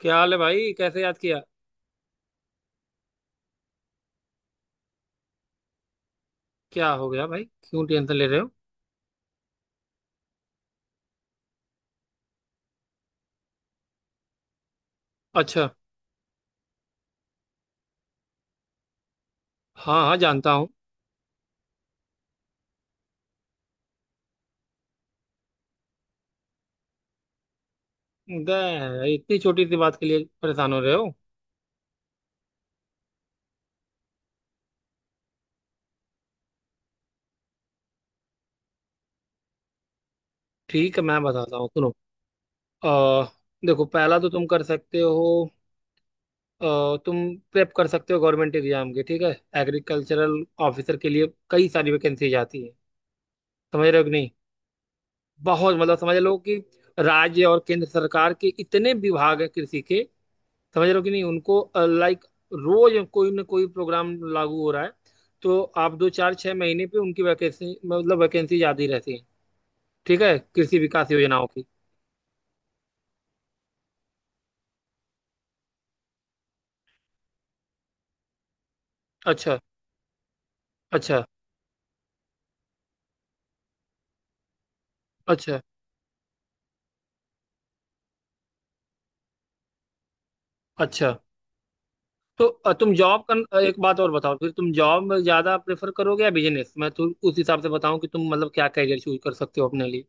क्या हाल है भाई, कैसे याद किया। क्या हो गया भाई, क्यों टेंशन ले रहे हो। अच्छा, हाँ हाँ जानता हूँ। इतनी छोटी सी बात के लिए परेशान हो रहे हो। ठीक है, मैं बताता हूँ, सुनो। अ, देखो पहला तो तुम कर सकते हो। तुम प्रेप कर सकते हो गवर्नमेंट एग्जाम के, ठीक है। एग्रीकल्चरल ऑफिसर के लिए कई सारी वैकेंसी आती है। समझ रहे हो कि नहीं। बहुत, मतलब समझ लो कि राज्य और केंद्र सरकार के इतने विभाग हैं कृषि के। समझ रहे हो कि नहीं उनको। लाइक, रोज कोई ना कोई प्रोग्राम लागू हो रहा है। तो आप 2, 4, 6 महीने पे उनकी वैकेंसी, मतलब वैकेंसी ज्यादा ही रहती है। ठीक है, कृषि विकास योजनाओं की। अच्छा। अच्छा। अच्छा। अच्छा। तो तुम जॉब कर, एक बात और बताओ, फिर तुम जॉब में ज्यादा प्रेफर करोगे या बिजनेस, मैं तो उस हिसाब से बताऊं कि तुम मतलब क्या करियर चूज कर सकते हो अपने लिए।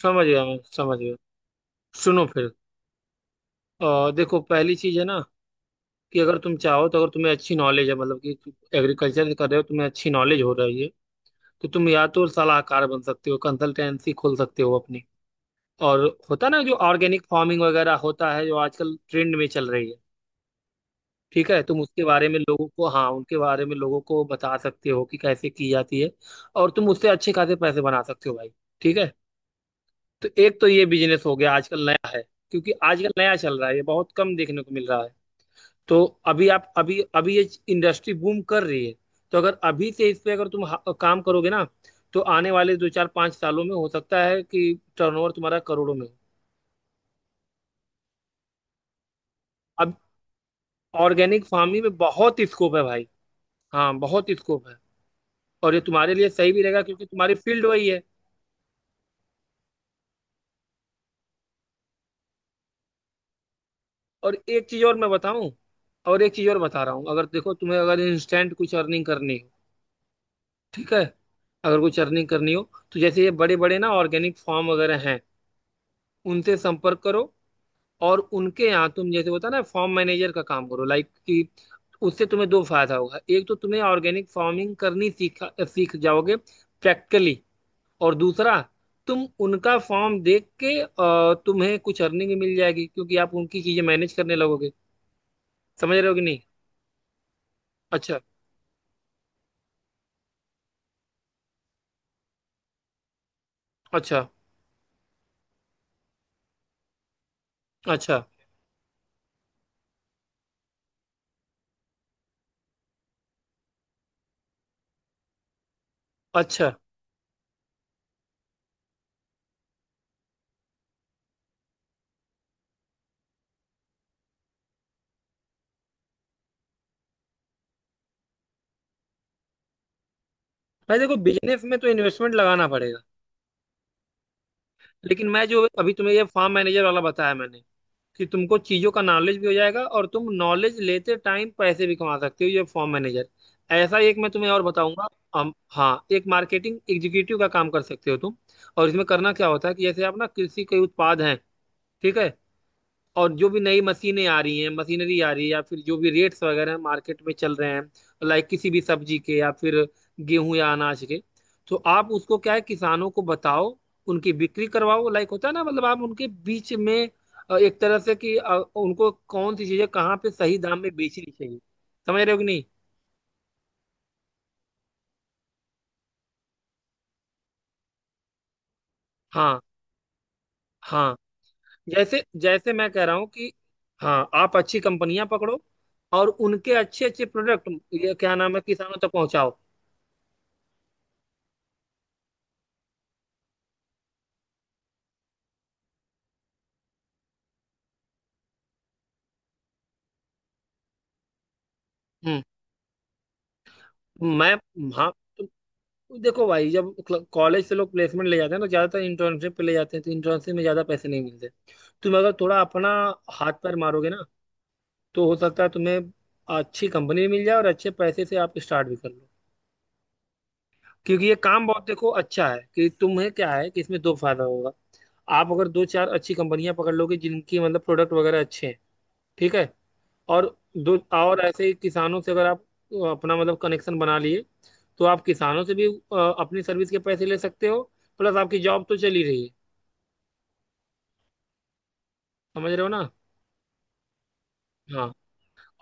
समझ गया, मैं समझ गया। सुनो फिर। देखो, पहली चीज है ना, कि अगर तुम चाहो तो अगर तुम्हें अच्छी नॉलेज है, मतलब कि एग्रीकल्चर कर रहे हो, तुम्हें अच्छी नॉलेज हो रही है, तो तुम या तो सलाहकार बन सकते हो, कंसल्टेंसी खोल सकते हो अपनी। और होता ना, जो ऑर्गेनिक फार्मिंग वगैरह होता है, जो आजकल ट्रेंड में चल रही है। ठीक है, तुम उसके बारे में लोगों को, हाँ उनके बारे में लोगों को बता सकते हो कि कैसे की जाती है। और तुम उससे अच्छे खासे पैसे बना सकते हो भाई। ठीक है। तो एक तो ये बिजनेस हो गया, आजकल नया है। क्योंकि आजकल नया चल रहा है, ये बहुत कम देखने को मिल रहा है। तो अभी आप, अभी अभी ये इंडस्ट्री बूम कर रही है। तो अगर अभी से इस पे अगर तुम काम करोगे ना, तो आने वाले 2, 4, 5 सालों में हो सकता है कि टर्नओवर तुम्हारा करोड़ों में हो। अब, ऑर्गेनिक फार्मिंग में बहुत स्कोप है भाई। हाँ, बहुत स्कोप है। और ये तुम्हारे लिए सही भी रहेगा, क्योंकि तुम्हारी फील्ड वही है। और एक चीज और मैं बताऊं, और एक चीज और बता रहा हूँ, अगर देखो तुम्हें अगर इंस्टेंट कुछ अर्निंग करनी हो, ठीक है, अगर कुछ अर्निंग करनी हो, तो जैसे ये बड़े बड़े ना ऑर्गेनिक फार्म वगैरह हैं, उनसे संपर्क करो। और उनके यहाँ तुम जैसे होता है ना फॉर्म मैनेजर का काम करो, लाइक कि उससे तुम्हें दो फायदा होगा, एक तो तुम्हें ऑर्गेनिक फार्मिंग करनी सीखा, सीख जाओगे प्रैक्टिकली। और दूसरा, तुम उनका फॉर्म देख के तुम्हें कुछ अर्निंग मिल जाएगी, क्योंकि आप उनकी चीजें मैनेज करने लगोगे। समझ रहे हो कि नहीं। अच्छा। अच्छा। अच्छा। अच्छा। भाई देखो, बिजनेस में तो इन्वेस्टमेंट लगाना पड़ेगा। लेकिन मैं जो अभी तुम्हें ये फार्म मैनेजर वाला बताया मैंने, कि तुमको चीजों का नॉलेज भी हो जाएगा और तुम नॉलेज लेते टाइम पैसे भी कमा सकते हो, ये फॉर्म मैनेजर। ऐसा ही एक मैं तुम्हें और बताऊंगा। हम, हाँ, एक मार्केटिंग एग्जीक्यूटिव का काम कर सकते हो तुम। और इसमें करना क्या होता है कि जैसे आप ना कृषि के उत्पाद हैं, ठीक है, और जो भी नई मशीनें आ रही हैं, मशीनरी आ रही है, या फिर जो भी रेट्स वगैरह मार्केट में चल रहे हैं, लाइक किसी भी सब्जी के या फिर गेहूं या अनाज के, तो आप उसको क्या है, किसानों को बताओ, उनकी बिक्री करवाओ, लाइक होता है ना, मतलब आप उनके बीच में एक तरह से कि उनको कौन सी चीजें कहाँ पे सही दाम में बेचनी चाहिए। समझ रहे हो कि नहीं। हाँ, हाँ जैसे, जैसे मैं कह रहा हूँ कि हाँ, आप अच्छी कंपनियां पकड़ो और उनके अच्छे अच्छे प्रोडक्ट, ये क्या नाम है, किसानों तक पहुंचाओ। हम्म। मैं, हाँ, तो देखो भाई, जब कॉलेज से लोग प्लेसमेंट ले जाते हैं तो ज्यादातर इंटर्नशिप पे ले जाते हैं, तो इंटर्नशिप में ज्यादा पैसे नहीं मिलते। तुम अगर थोड़ा अपना हाथ पैर मारोगे ना, तो हो सकता है तुम्हें अच्छी कंपनी मिल जाए और अच्छे पैसे से आप स्टार्ट भी कर लो। क्योंकि ये काम बहुत देखो अच्छा है, कि तुम्हें क्या है कि इसमें दो फायदा होगा। आप अगर दो चार अच्छी कंपनियां पकड़ लोगे, जिनकी मतलब प्रोडक्ट वगैरह अच्छे हैं, ठीक है, और दो, और ऐसे ही किसानों से अगर आप अपना मतलब कनेक्शन बना लिए, तो आप किसानों से भी अपनी सर्विस के पैसे ले सकते हो। प्लस आपकी जॉब तो चल ही रही है। समझ रहे हो ना। हाँ।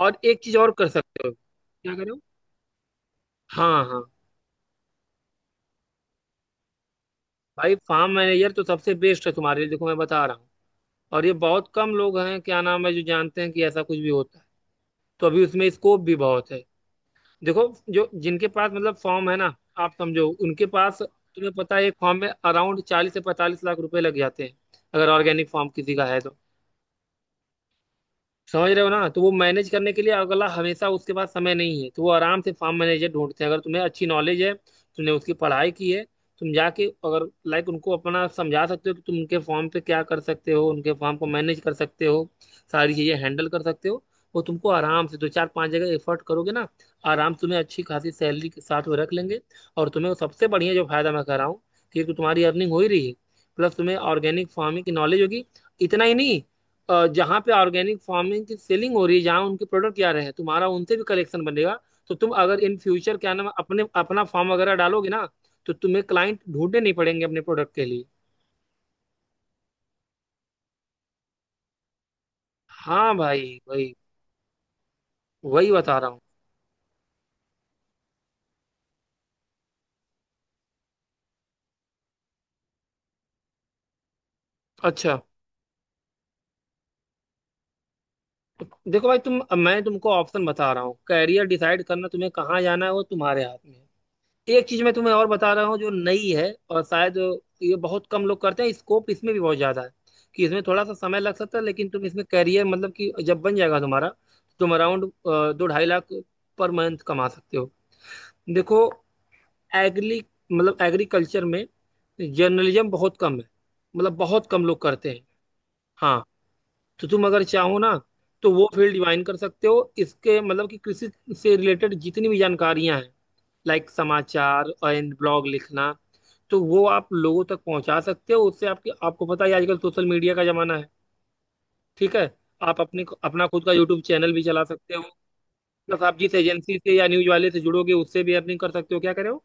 और एक चीज और कर सकते हो, क्या कर रहे हो। हाँ हाँ, भाई फार्म मैनेजर तो सबसे बेस्ट है तुम्हारे लिए, देखो मैं बता रहा हूँ। और ये बहुत कम लोग हैं, क्या नाम है, जो जानते हैं कि ऐसा कुछ भी होता है। तो अभी उसमें स्कोप भी बहुत है। देखो, जो जिनके पास मतलब फॉर्म है ना, आप समझो उनके पास, तुम्हें पता है एक फॉर्म में अराउंड 40 से 45 लाख रुपए लग जाते हैं, अगर ऑर्गेनिक फॉर्म किसी का है तो। समझ रहे हो ना, तो वो मैनेज करने के लिए अगला, हमेशा उसके पास समय नहीं है, तो वो आराम से फार्म मैनेजर ढूंढते हैं। अगर तुम्हें अच्छी नॉलेज है, तुमने उसकी पढ़ाई की है, तुम जाके अगर लाइक उनको अपना समझा सकते हो कि तुम उनके फॉर्म पे क्या कर सकते हो, उनके फॉर्म को मैनेज कर सकते हो, सारी चीजें हैंडल कर सकते हो, वो तुमको आराम से, दो चार पांच जगह एफर्ट करोगे ना, आराम से तुम्हें अच्छी खासी सैलरी के साथ वो रख लेंगे। और तुम्हें वो सबसे बढ़िया जो फायदा मैं कर रहा हूँ, कि एक तो तुम्हारी अर्निंग हो ही रही है, प्लस तुम्हें ऑर्गेनिक फार्मिंग की नॉलेज होगी। इतना ही नहीं, जहाँ पे ऑर्गेनिक फार्मिंग की सेलिंग हो रही है, जहाँ उनके प्रोडक्ट आ रहे हैं, तुम्हारा उनसे भी कलेक्शन बनेगा। तो तुम अगर इन फ्यूचर, क्या नाम है, अपने अपना फार्म वगैरह डालोगे ना, तो तुम्हें क्लाइंट ढूंढने नहीं पड़ेंगे अपने प्रोडक्ट के लिए। हाँ भाई, वही वही बता रहा हूँ। अच्छा, देखो भाई तुम, मैं तुमको ऑप्शन बता रहा हूँ, कैरियर डिसाइड करना तुम्हें कहाँ जाना है वो तुम्हारे हाथ में है। एक चीज मैं तुम्हें और बता रहा हूँ जो नई है, और शायद ये बहुत कम लोग करते हैं, स्कोप इसमें भी बहुत ज्यादा है, कि इसमें थोड़ा सा समय लग सकता है लेकिन तुम इसमें करियर, मतलब कि जब बन जाएगा तुम्हारा, तुम अराउंड 2, 2.5 लाख पर मंथ कमा सकते हो। देखो, एग्री, मतलब एग्रीकल्चर में जर्नलिज्म बहुत कम है, मतलब बहुत कम लोग करते हैं। हाँ, तो तुम अगर चाहो ना, तो वो फील्ड डिवाइन कर सकते हो इसके मतलब कि कृषि से रिलेटेड जितनी भी जानकारियां हैं, लाइक समाचार एंड ब्लॉग लिखना, तो वो आप लोगों तक पहुंचा सकते हो, उससे आपकी, आपको पता है आजकल सोशल मीडिया का जमाना है, ठीक है, आप अपनी, अपना खुद का यूट्यूब चैनल भी चला सकते हो। प्लस आप जिस एजेंसी से या न्यूज वाले से जुड़ोगे, उससे भी अर्निंग कर सकते हो, क्या करे हो।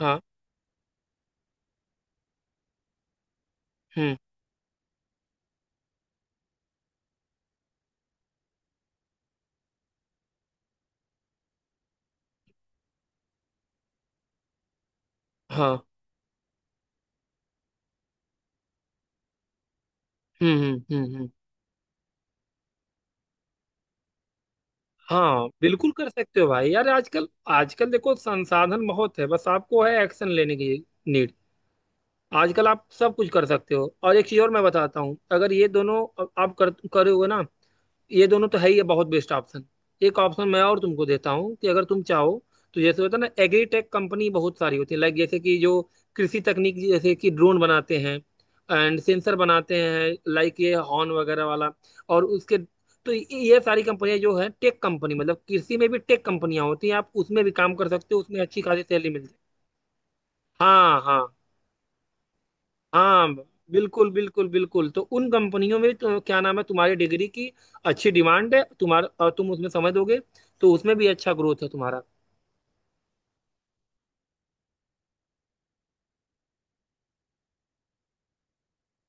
हाँ। हम्म। हाँ। हम्म। हम्म। हम्म। हम्म। हाँ बिल्कुल, कर सकते हो भाई यार। आजकल, आजकल देखो संसाधन बहुत है, बस आपको है एक्शन लेने की नीड। आजकल आप सब कुछ कर सकते हो। और एक चीज और मैं बताता हूँ, अगर ये दोनों आप कर करोगे ना, ये दोनों तो है ही है, बहुत बेस्ट ऑप्शन। एक ऑप्शन मैं और तुमको देता हूँ, कि अगर तुम चाहो तो जैसे होता है ना, एग्रीटेक कंपनी बहुत सारी होती है, लाइक जैसे कि जो कृषि तकनीक, जैसे कि ड्रोन बनाते हैं एंड सेंसर बनाते हैं, लाइक ये हॉर्न वगैरह वाला, और उसके, तो ये सारी कंपनियां जो है टेक कंपनी, मतलब कृषि में भी टेक कंपनियां होती हैं, आप उसमें भी काम कर सकते हो, उसमें अच्छी खासी सैलरी मिलती है। हाँ हाँ, हाँ बिल्कुल बिल्कुल बिल्कुल, तो उन कंपनियों में तो क्या नाम है, तुम्हारी डिग्री की अच्छी डिमांड है तुम्हारा, और तुम उसमें समझ दोगे तो उसमें भी अच्छा ग्रोथ है तुम्हारा।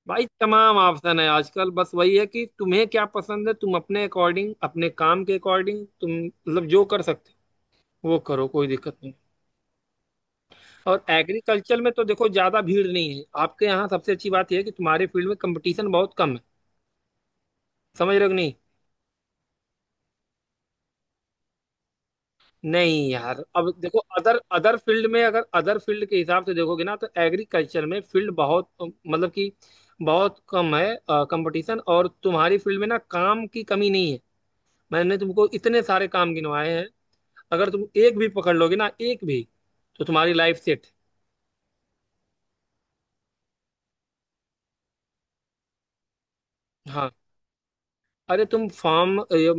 भाई तमाम ऑप्शन है आजकल, बस वही है कि तुम्हें क्या पसंद है, तुम अपने अकॉर्डिंग, अपने काम के अकॉर्डिंग तुम मतलब जो कर सकते हो वो करो, कोई दिक्कत नहीं। और एग्रीकल्चर में तो देखो ज्यादा भीड़ नहीं है आपके यहाँ, सबसे अच्छी बात यह है कि तुम्हारे फील्ड में कंपटीशन बहुत कम है। समझ रहे हो कि नहीं। नहीं यार, अब देखो अदर अदर फील्ड में अगर अदर फील्ड के हिसाब से देखोगे ना, तो एग्रीकल्चर में फील्ड बहुत मतलब कि बहुत कम है कंपटीशन। और तुम्हारी फील्ड में ना काम की कमी नहीं है। मैंने तुमको इतने सारे काम गिनवाए हैं, अगर तुम एक भी पकड़ लोगे ना, एक भी, तो तुम्हारी लाइफ सेट। हाँ, अरे तुम फार्म,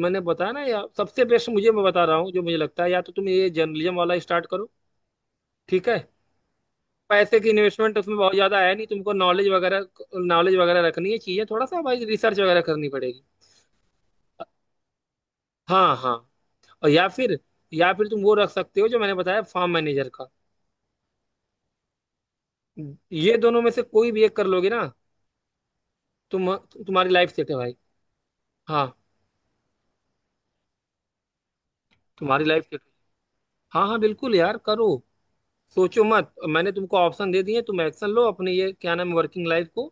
मैंने बताया ना यार, सबसे बेस्ट मुझे, मैं बता रहा हूँ जो मुझे लगता है, या तो तुम ये जर्नलिज्म वाला स्टार्ट करो, ठीक है, पैसे की इन्वेस्टमेंट उसमें बहुत ज्यादा है नहीं, तुमको नॉलेज वगैरह, नॉलेज वगैरह रखनी है, चीजें थोड़ा सा भाई रिसर्च वगैरह करनी पड़ेगी। हाँ हाँ, और या फिर, या फिर तुम वो रख सकते हो जो मैंने बताया, फार्म मैनेजर का। ये दोनों में से कोई भी एक कर लोगे ना तुम, तुम्हारी लाइफ सेट है भाई। हाँ, तुम्हारी लाइफ सेट। हाँ हाँ बिल्कुल यार करो, सोचो मत, मैंने तुमको ऑप्शन दे दिए, तुम एक्शन लो अपने, ये क्या नाम है, वर्किंग लाइफ को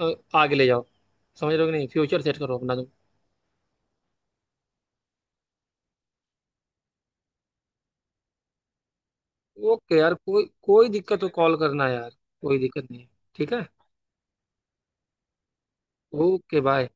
अ, आगे ले जाओ। समझ रहे हो कि नहीं, फ्यूचर सेट करो अपना तुम। ओके यार, कोई कोई दिक्कत हो कॉल करना यार, कोई दिक्कत नहीं है, ठीक है। Okay bye.